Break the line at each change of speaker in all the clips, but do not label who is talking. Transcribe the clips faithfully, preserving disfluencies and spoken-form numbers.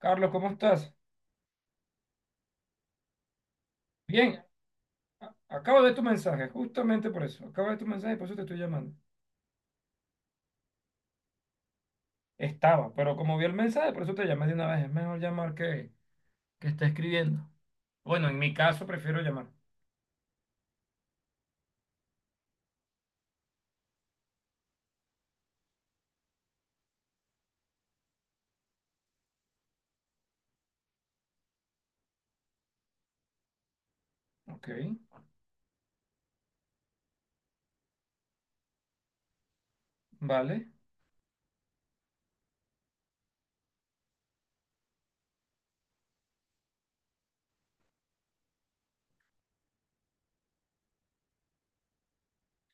Carlos, ¿cómo estás? Bien, a- acabo de ver tu mensaje, justamente por eso. Acabo de ver tu mensaje y por eso te estoy llamando. Estaba, pero como vi el mensaje, por eso te llamé de una vez. Es mejor llamar que, que está escribiendo. Bueno, en mi caso prefiero llamar. Ok, vale.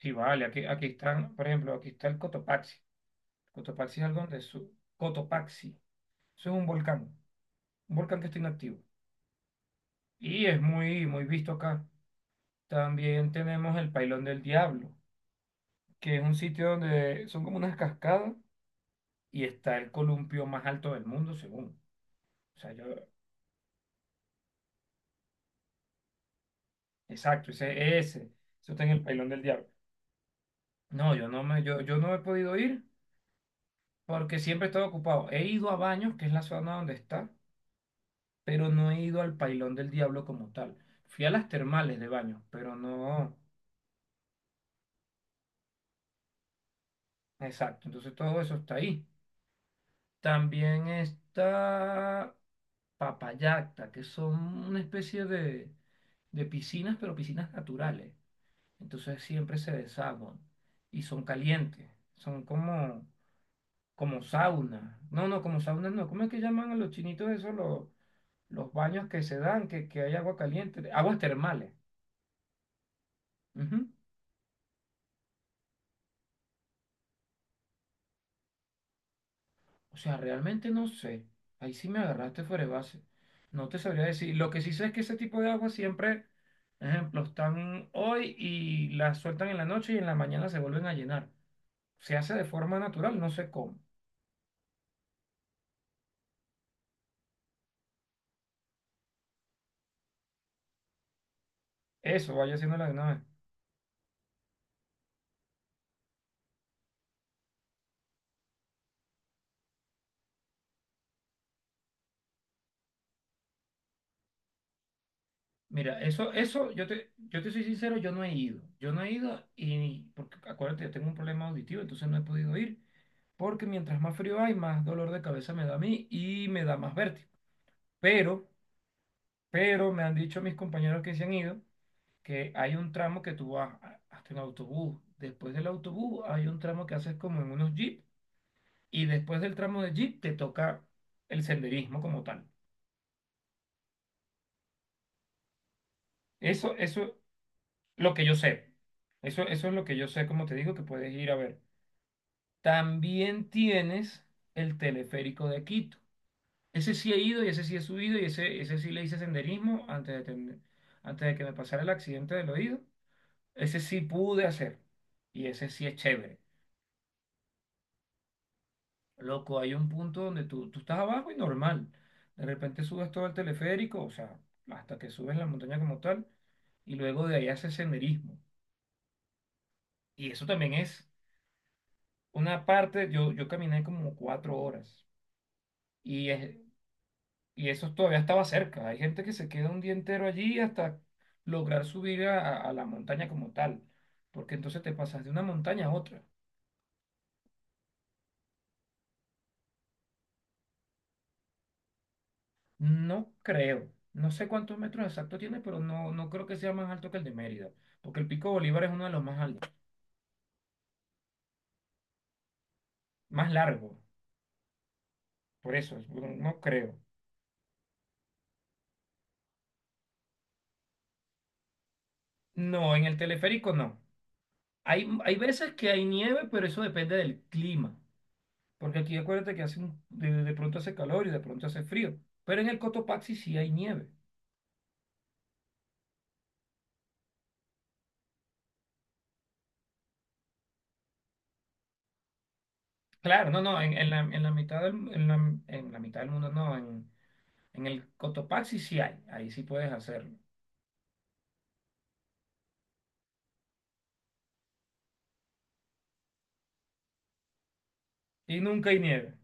Sí, vale, aquí, aquí están, por ejemplo, aquí está el Cotopaxi. Cotopaxi es algo donde su... Cotopaxi. Eso es un volcán, un volcán que está inactivo. Y es muy, muy visto acá. También tenemos el Pailón del Diablo, que es un sitio donde son como unas cascadas y está el columpio más alto del mundo, según. O sea, yo, exacto, ese, ese, eso está en el Pailón del Diablo. No, yo no me, yo, yo no he podido ir porque siempre he estado ocupado. He ido a Baños, que es la zona donde está, pero no he ido al Pailón del Diablo como tal. Fui a las termales de Baños, pero no, exacto, entonces todo eso está ahí. También está Papayacta, que son una especie de, de piscinas, pero piscinas naturales. Entonces siempre se desaguan y son calientes. Son como, como sauna. No, no, como sauna no. ¿Cómo es que llaman a los chinitos eso los, los baños que se dan, que, que hay agua caliente? Aguas termales. Ujú. O sea, realmente no sé. Ahí sí me agarraste fuera de base. No te sabría decir. Lo que sí sé es que ese tipo de agua siempre, ejemplo, están hoy y las sueltan en la noche y en la mañana se vuelven a llenar. Se hace de forma natural, no sé cómo. Eso, vaya haciéndolo de una vez. Mira, eso, eso, yo te, yo te soy sincero, yo no he ido. Yo no he ido y, porque acuérdate, yo tengo un problema auditivo, entonces no he podido ir, porque mientras más frío hay, más dolor de cabeza me da a mí y me da más vértigo. Pero, pero me han dicho mis compañeros que se han ido, que hay un tramo que tú vas a- hasta en autobús. Después del autobús hay un tramo que haces como en unos jeep y después del tramo de jeep te toca el senderismo como tal. Eso, eso, lo que yo sé. Eso, eso es lo que yo sé, como te digo, que puedes ir a ver. También tienes el teleférico de Quito. Ese sí he ido y ese sí he subido y ese, ese sí le hice senderismo antes de, tener- antes de que me pasara el accidente del oído. Ese sí pude hacer y ese sí es chévere. Loco, hay un punto donde tú, tú estás abajo y normal. De repente subes todo el teleférico, o sea, hasta que subes la montaña como tal y luego de ahí haces senderismo. Y eso también es una parte, yo, yo caminé como cuatro horas y es, y eso todavía estaba cerca. Hay gente que se queda un día entero allí hasta lograr subir a, a- a la montaña como tal, porque entonces te pasas de una montaña a otra. No creo, no sé cuántos metros exactos tiene, pero no, no creo que sea más alto que el de Mérida, porque el Pico Bolívar es uno de los más altos, más largo, por eso, no no creo. No, en el teleférico no. Hay, hay veces que hay nieve, pero eso depende del clima, porque aquí acuérdate que hace un- de, de pronto hace calor y de pronto hace frío, pero en el Cotopaxi sí hay nieve. Claro, no, no, en, en la, en la mitad del, en la, en la mitad del mundo no, en, en el Cotopaxi sí hay, ahí sí puedes hacerlo. Y nunca hay nieve.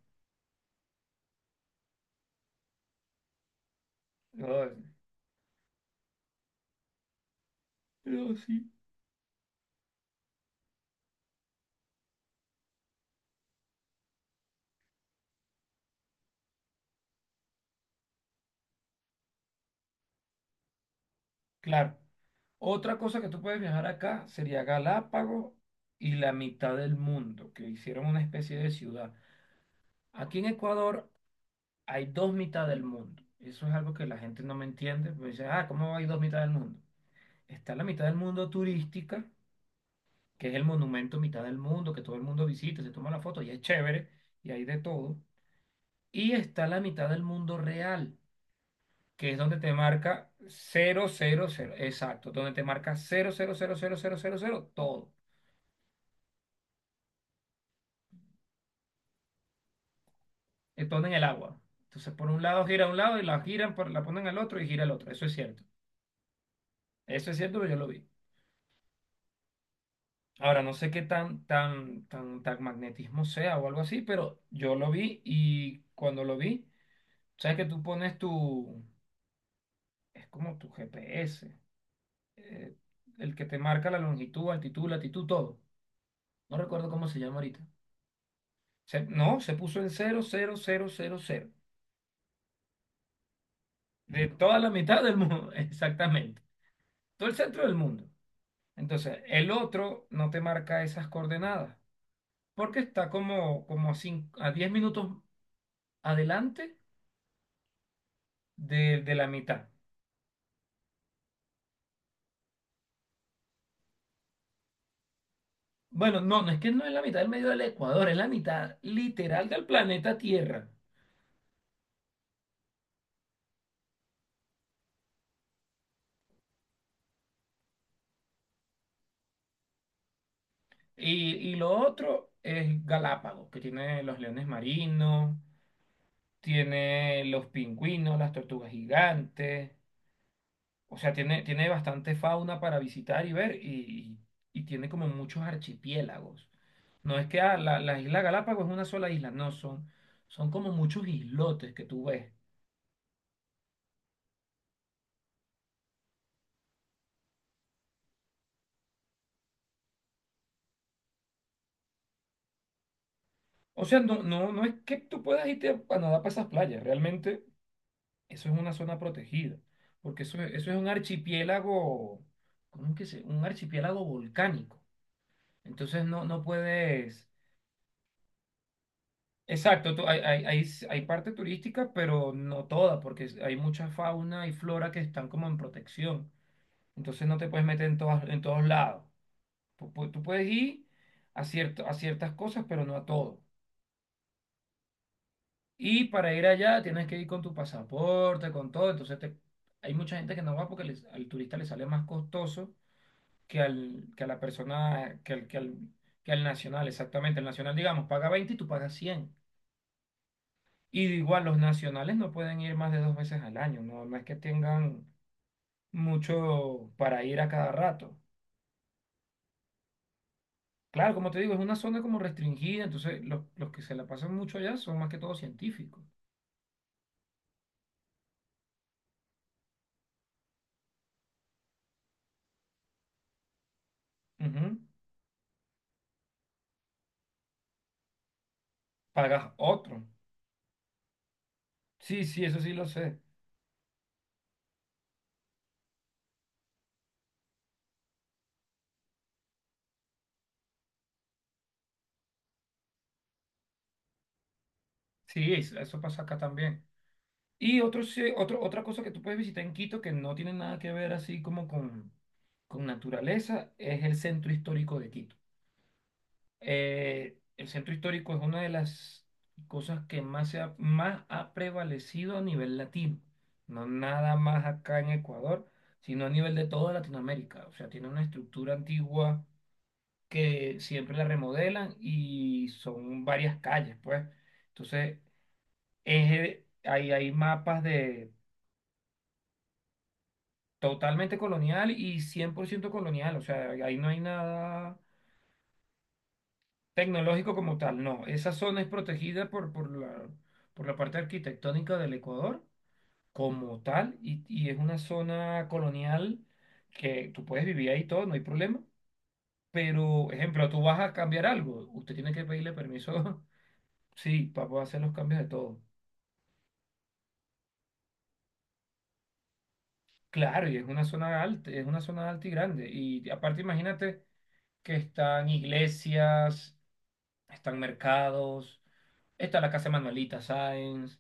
No, es- pero sí, claro. Otra cosa que tú puedes viajar acá sería Galápagos y la mitad del mundo, que hicieron una especie de ciudad. Aquí en Ecuador hay dos mitad del mundo. Eso es algo que la gente no me entiende, pues dice, ah, ¿cómo hay dos mitad del mundo? Está la mitad del mundo turística que es el monumento mitad del mundo, que todo el mundo visita, se toma la foto y es chévere y hay de todo. Y está la mitad del mundo real, que es donde te marca cero cero cero exacto, donde te marca cero cero cero cero cero cero cero todo. eh, Todo en el agua. Entonces por un lado gira a un lado y la giran, por- la ponen al otro y gira al otro. Eso es cierto. Eso es cierto, pero yo lo vi. Ahora, no sé qué tan, tan, tan, tan magnetismo sea o algo así, pero yo lo vi y cuando lo vi, sabes que tú pones tu, es como tu G P S, eh, el que te marca la longitud, altitud, latitud, todo. No recuerdo cómo se llama ahorita. Se- no, se puso en cero cero cero cero cero de toda la mitad del mundo, exactamente. Todo el centro del mundo. Entonces, el otro no te marca esas coordenadas, porque está como, como a, cin- a diez minutos adelante de, de la mitad. Bueno, no, no es que no es la mitad del medio del Ecuador, es la mitad literal del planeta Tierra. Y, y lo otro es Galápagos, que tiene los leones marinos, tiene los pingüinos, las tortugas gigantes. O sea, tiene, tiene bastante fauna para visitar y ver y, y tiene como muchos archipiélagos. No es que ah, la, la isla Galápagos es una sola isla, no, son, son como muchos islotes que tú ves. O sea, no, no, no es que tú puedas irte a nadar para esas playas, realmente eso es una zona protegida, porque eso, es- eso es un archipiélago, ¿cómo es que se? Un archipiélago volcánico. Entonces no, no puedes... Exacto, tú- hay, hay, hay, s- hay parte turística, pero no toda, porque es- hay mucha fauna y flora que están como en protección. Entonces no te puedes meter en, todas, en todos lados. Tú, pu- tú puedes ir a, cierto, a ciertas cosas, pero no a todo. Y para ir allá tienes que ir con tu pasaporte, con todo. Entonces te- hay mucha gente que no va porque les- al turista le sale más costoso que al, que a la persona, que al, que al, que al nacional, exactamente. El nacional, digamos, paga veinte y tú pagas cien. Y igual los nacionales no pueden ir más de dos veces al año, no, no es que tengan mucho para ir a cada rato. Claro, como te digo, es una zona como restringida, entonces los, los que se la pasan mucho allá son más que todo científicos. Ujú. Pagas otro. Sí, sí, eso sí lo sé. Sí, es- eso pasa acá también. Y otro, se- otro, otra cosa que tú puedes visitar en Quito que no tiene nada que ver así como con, con naturaleza es el centro histórico de Quito. Eh, el centro histórico es una de las cosas que más, se ha, más ha prevalecido a nivel latino, no nada más acá en Ecuador, sino a nivel de toda Latinoamérica. O sea, tiene una estructura antigua que siempre la remodelan y son varias calles, pues. Entonces, es, eh, ahí hay mapas de totalmente colonial y cien por ciento colonial, o sea, ahí no hay nada tecnológico como tal, no. Esa zona es protegida por, por la, por la parte arquitectónica del Ecuador como tal y, y es una zona colonial que tú puedes vivir ahí todo, no hay problema. Pero, ejemplo, tú vas a cambiar algo, usted tiene que pedirle permiso, sí, para poder hacer los cambios de todo. Claro, y es una zona alta, es una zona alta y grande. Y aparte, imagínate que están iglesias están mercados, está la Casa de Manuelita Sáenz.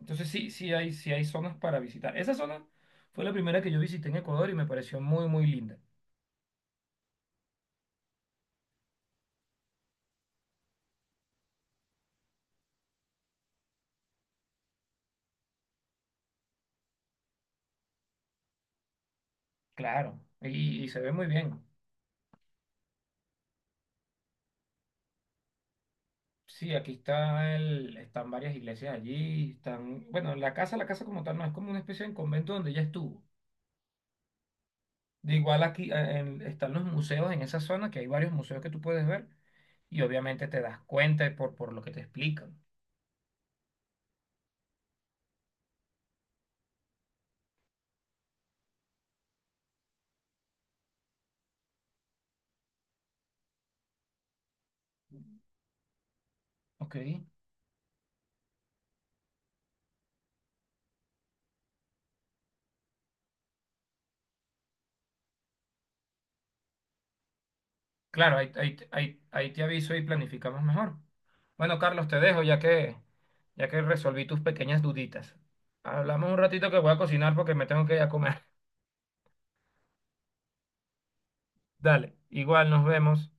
Entonces sí, sí hay, sí hay zonas para visitar. Esa zona fue la primera que yo visité en Ecuador y me pareció muy, muy linda. Claro, y, y se ve muy bien. Sí, aquí está el, están varias iglesias allí, están, bueno, la casa, la casa como tal no es como una especie de convento donde ya estuvo. De igual aquí eh, en- están los museos en esa zona, que hay varios museos que tú puedes ver y obviamente te das cuenta por, por lo que te explican. Ok. Claro, ahí, ahí, ahí, ahí te aviso y planificamos mejor. Bueno, Carlos, te dejo ya que, ya que resolví tus pequeñas duditas. Hablamos un ratito que voy a cocinar porque me tengo que ir a comer. Dale, igual nos vemos.